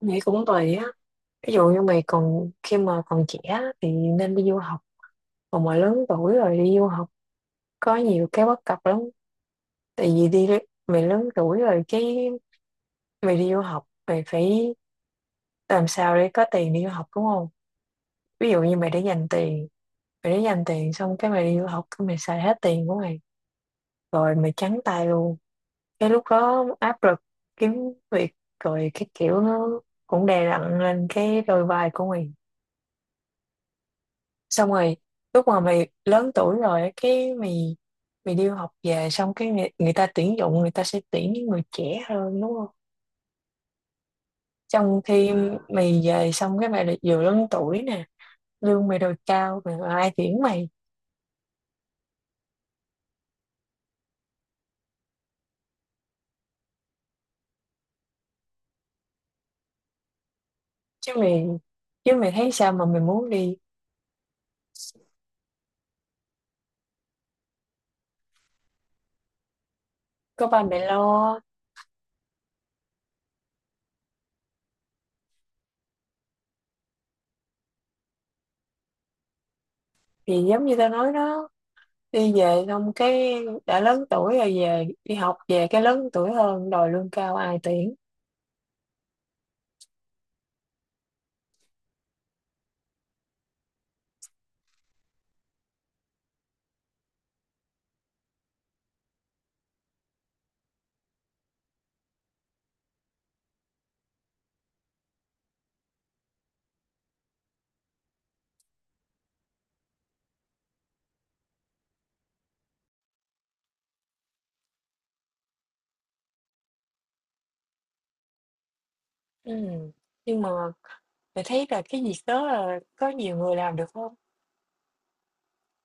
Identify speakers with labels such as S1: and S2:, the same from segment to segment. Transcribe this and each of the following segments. S1: Nghĩ cũng tùy á. Ví dụ như mày khi mà còn trẻ á, thì nên đi du học. Còn mà lớn tuổi rồi đi du học có nhiều cái bất cập lắm. Tại vì mày lớn tuổi rồi, cái mày đi du học mày phải làm sao để có tiền đi du học, đúng không? Ví dụ như mày để dành tiền xong cái mày đi du học, cái mày xài hết tiền của mày rồi mày trắng tay luôn. Cái lúc đó áp lực kiếm việc rồi cái kiểu nó cũng đè nặng lên cái đôi vai của mày. Xong rồi lúc mà mày lớn tuổi rồi á, cái mày mày đi học về xong cái người ta tuyển dụng, người ta sẽ tuyển những người trẻ hơn, đúng không? Trong khi mày về xong cái mày lại vừa lớn tuổi nè, lương mày đòi cao mà ai tuyển mày? Chứ mày chứ mày thấy sao mà mày muốn đi? Có ba mẹ lo. Thì giống như tao nói đó, đi về xong cái đã lớn tuổi rồi, về đi học về cái lớn tuổi hơn, đòi lương cao ai tuyển. Ừm, nhưng mà mình thấy là cái việc đó là có nhiều người làm được không?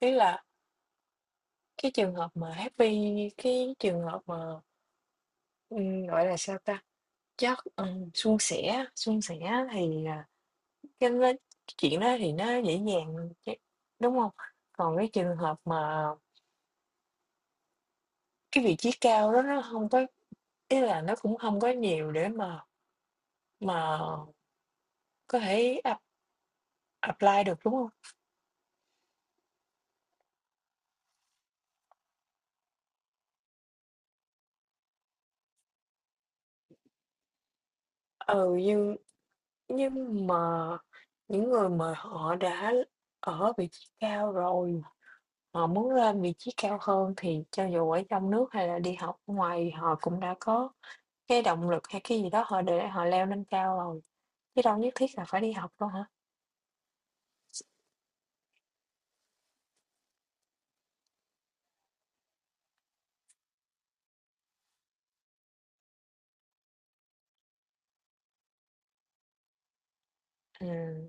S1: Ý là cái trường hợp mà happy, cái trường hợp mà, gọi là, sao ta, chất suôn sẻ thì, cái nó chuyện đó thì nó dễ dàng đúng không? Còn cái trường hợp mà cái vị trí cao đó nó không có, ý là nó cũng không có nhiều để mà có thể apply được, đúng không? Ừ. Nhưng mà những người mà họ đã ở vị trí cao rồi, họ muốn lên vị trí cao hơn thì cho dù ở trong nước hay là đi học ở ngoài họ cũng đã có cái động lực hay cái gì đó họ để họ leo lên cao rồi, chứ đâu nhất thiết là phải đi học đâu hả? Ừm,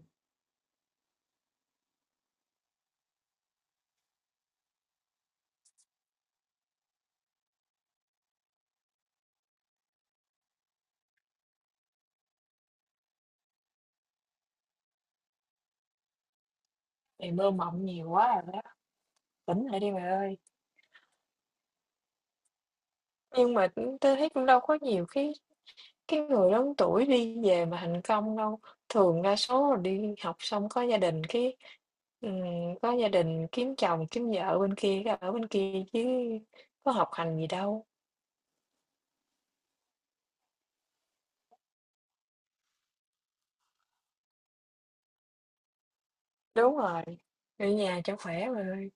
S1: Bạn mơ mộng nhiều quá rồi đó, tỉnh lại đi bạn ơi. Nhưng mà, tôi thấy cũng đâu có nhiều cái người lớn tuổi đi về mà thành công đâu, thường đa số là đi học xong ừm, có gia đình kiếm chồng, kiếm vợ bên kia, cái ở bên kia chứ có học hành gì đâu. Đúng rồi, ở nhà cho khỏe bà ơi.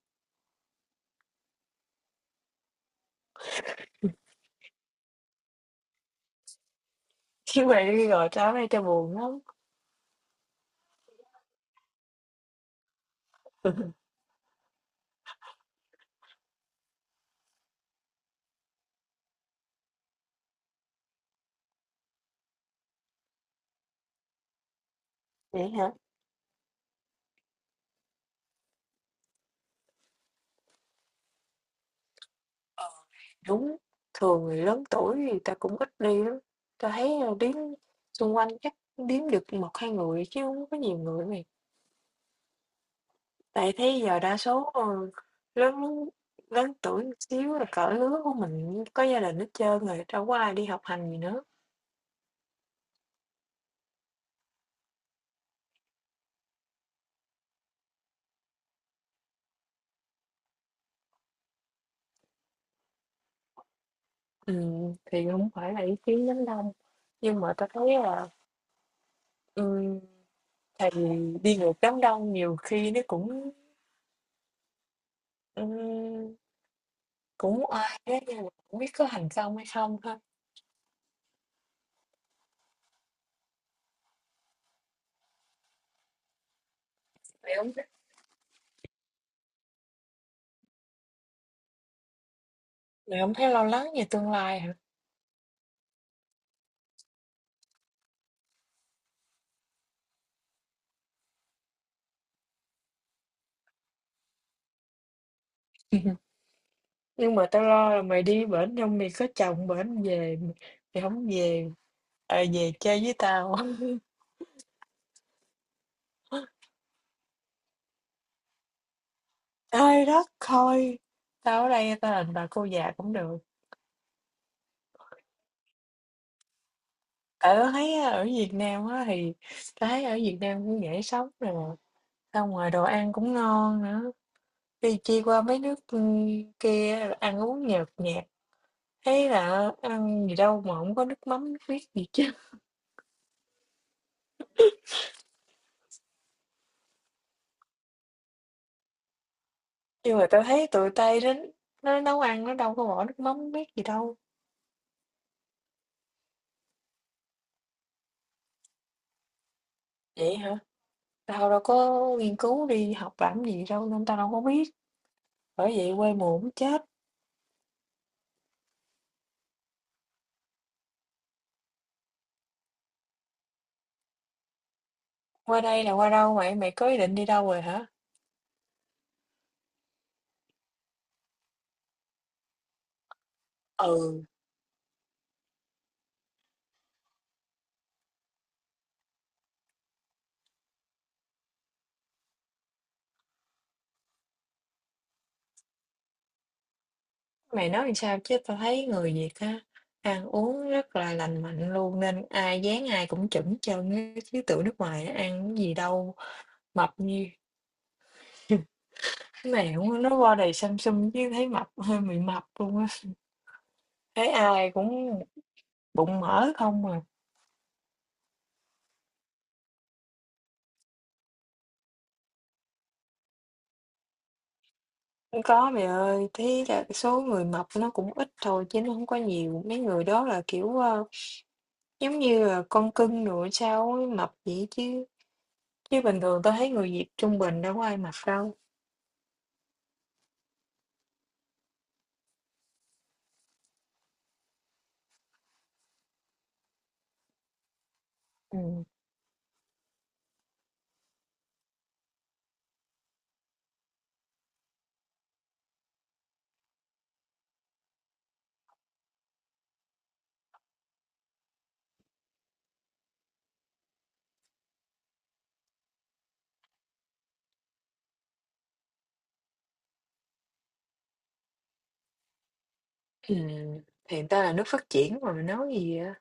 S1: Chứ mà đi rồi tới đây cho buồn lắm. Vậy hả? Đúng, thường người lớn tuổi thì ta cũng ít đi lắm, ta thấy, đếm xung quanh chắc điếm được một hai người chứ không có nhiều người. Tại thế giờ đa số, ờ, lớn lớn tuổi một xíu là cỡ lứa của mình có gia đình hết trơn rồi, đâu có ai đi học hành gì nữa. Thì không phải là ý kiến đám đông, nhưng mà tao thấy là, ừm, tại đi ngược đám đông nhiều khi nó cũng, ừm, cũng oai á, nhưng mà hổng biết có thành công hay không ha? Mày không thấy mày hông thấy lo lắng về tương lai hả? Nhưng mà tao lo là mày đi bển xong mày có chồng bển về mày mày hổng về, à, về chơi với tao. Ai đất thôi. Tao ở đây tao đành bà cô già cũng được. Tại tao thấy á, ở Việt Nam á thì tao thấy ở Việt Nam cũng dễ sống nè, xong ngoài đồ ăn cũng ngon nữa. Đi chi qua mấy nước kia rồi ăn uống nhợt nhạt, thấy là ăn gì đâu mà không có nước mắm nước miết gì chứ. Nhưng mà tao thấy tụi Tây đến, nó nấu ăn nó đâu có bỏ nước mắm nước miết gì đâu. Vậy hả? Tao đâu có nghiên cứu đi học làm gì đâu nên tao đâu có biết. Bởi vậy quê mùa cũng chết. Qua đây là qua đâu vậy? Mày có ý định đi đâu rồi hả? Ừ, mày nói làm sao chứ tao thấy người Việt á, ăn uống rất là lành mạnh luôn nên ai dán ai cũng chuẩn chơn á, chứ tụi nước ngoài á, ăn cái gì đâu mập như mày cũng nó qua đây xăm xăm chứ thấy mập hơi bị mập luôn á. Thấy ai cũng bụng mỡ không à. Không có mày ơi, thế là số người mập nó cũng ít thôi chứ nó không có nhiều. Mấy người đó là kiểu giống như là con cưng rồi sao ấy, mập vậy chứ. Chứ bình thường tao thấy người Việt trung bình đâu có ai mặc đâu. Ừ. Ừm, Hiện ta là nước phát triển mà mày nói gì vậy?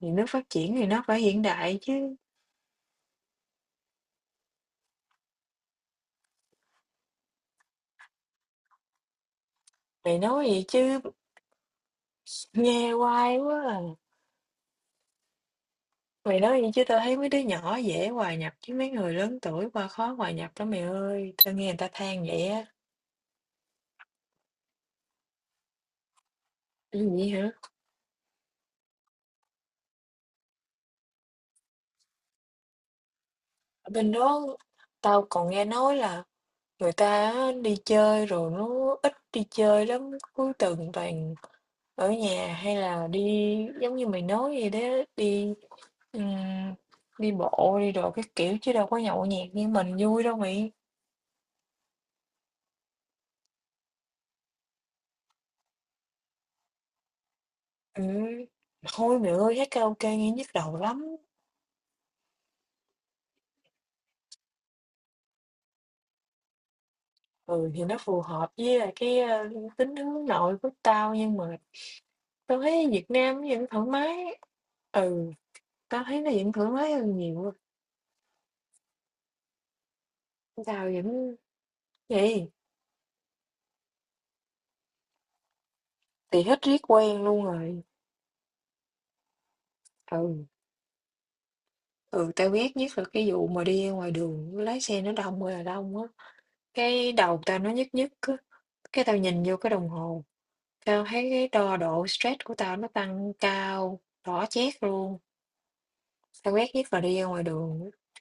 S1: Thì nước phát triển thì nó phải hiện đại chứ. Mày nói gì chứ nghe hoài quá à. Mày nói gì chứ tao thấy mấy đứa nhỏ dễ hòa nhập chứ mấy người lớn tuổi qua khó hòa nhập lắm mày ơi. Tao nghe người ta than vậy á. Cái gì hả? Ở bên đó tao còn nghe nói là người ta á, đi chơi rồi nó ít đi chơi lắm. Cuối tuần toàn ở nhà hay là đi giống như mày nói vậy đó, đi ừm, đi bộ đi đồ các kiểu chứ đâu có nhậu nhẹt như mình vui đâu mày. Ừ. Thôi mày ơi hát karaoke nghe nhức đầu lắm. Ừ thì nó phù hợp với lại cái tính hướng nội của tao, nhưng mà tao thấy Việt Nam vẫn thoải mái. Ừ, tao thấy nó vẫn thoải mái hơn nhiều. Tao vẫn gì thì hết riết quen luôn rồi. Ừ. Ừ tao biết, nhất là cái vụ mà đi ngoài đường lái xe nó đông ơi là đông á. Cái đầu tao nó nhức nhức á, cái tao nhìn vô cái đồng hồ, tao thấy cái đo độ stress của tao nó tăng cao, đỏ chét luôn. Tao quét nhất là đi ra ngoài đường á.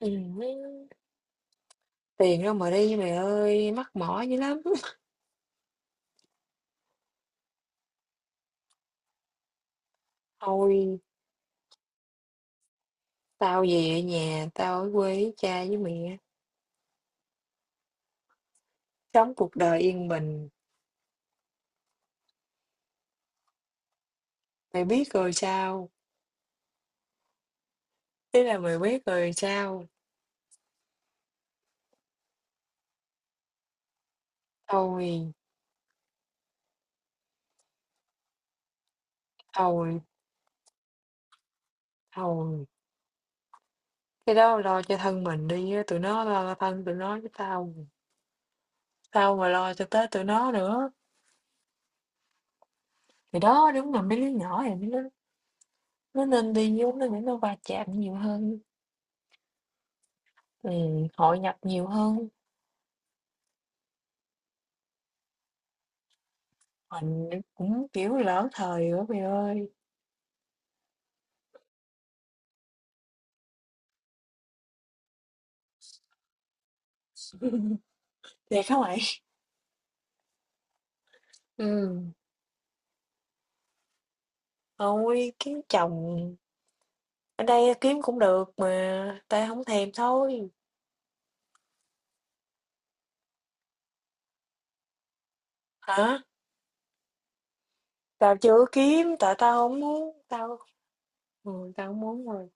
S1: Ừ. Tiền đâu mà đi mày ơi, mắc mỏ dữ lắm. Thôi, tao về nhà, tao ở quê với cha với mẹ, sống cuộc đời yên bình. Mày biết rồi sao? Thế là mày biết rồi sao? Thôi, thôi, thôi. Cái đó lo cho thân mình đi á, tụi nó lo cho thân tụi nó với tao. Sao mà lo cho tới tụi nó nữa. Thì đó, đúng là mấy đứa nhỏ này nó nên đi vô nó để nó va chạm nhiều hơn, hội nhập nhiều hơn. Mình cũng, kiểu, lỡ thời nữa mày ơi. Thiệt hả mày? Ừm, Thôi kiếm chồng ở đây kiếm cũng được mà, tao không thèm thôi. Hả? Tao chưa kiếm tại tao không muốn, tao không muốn rồi.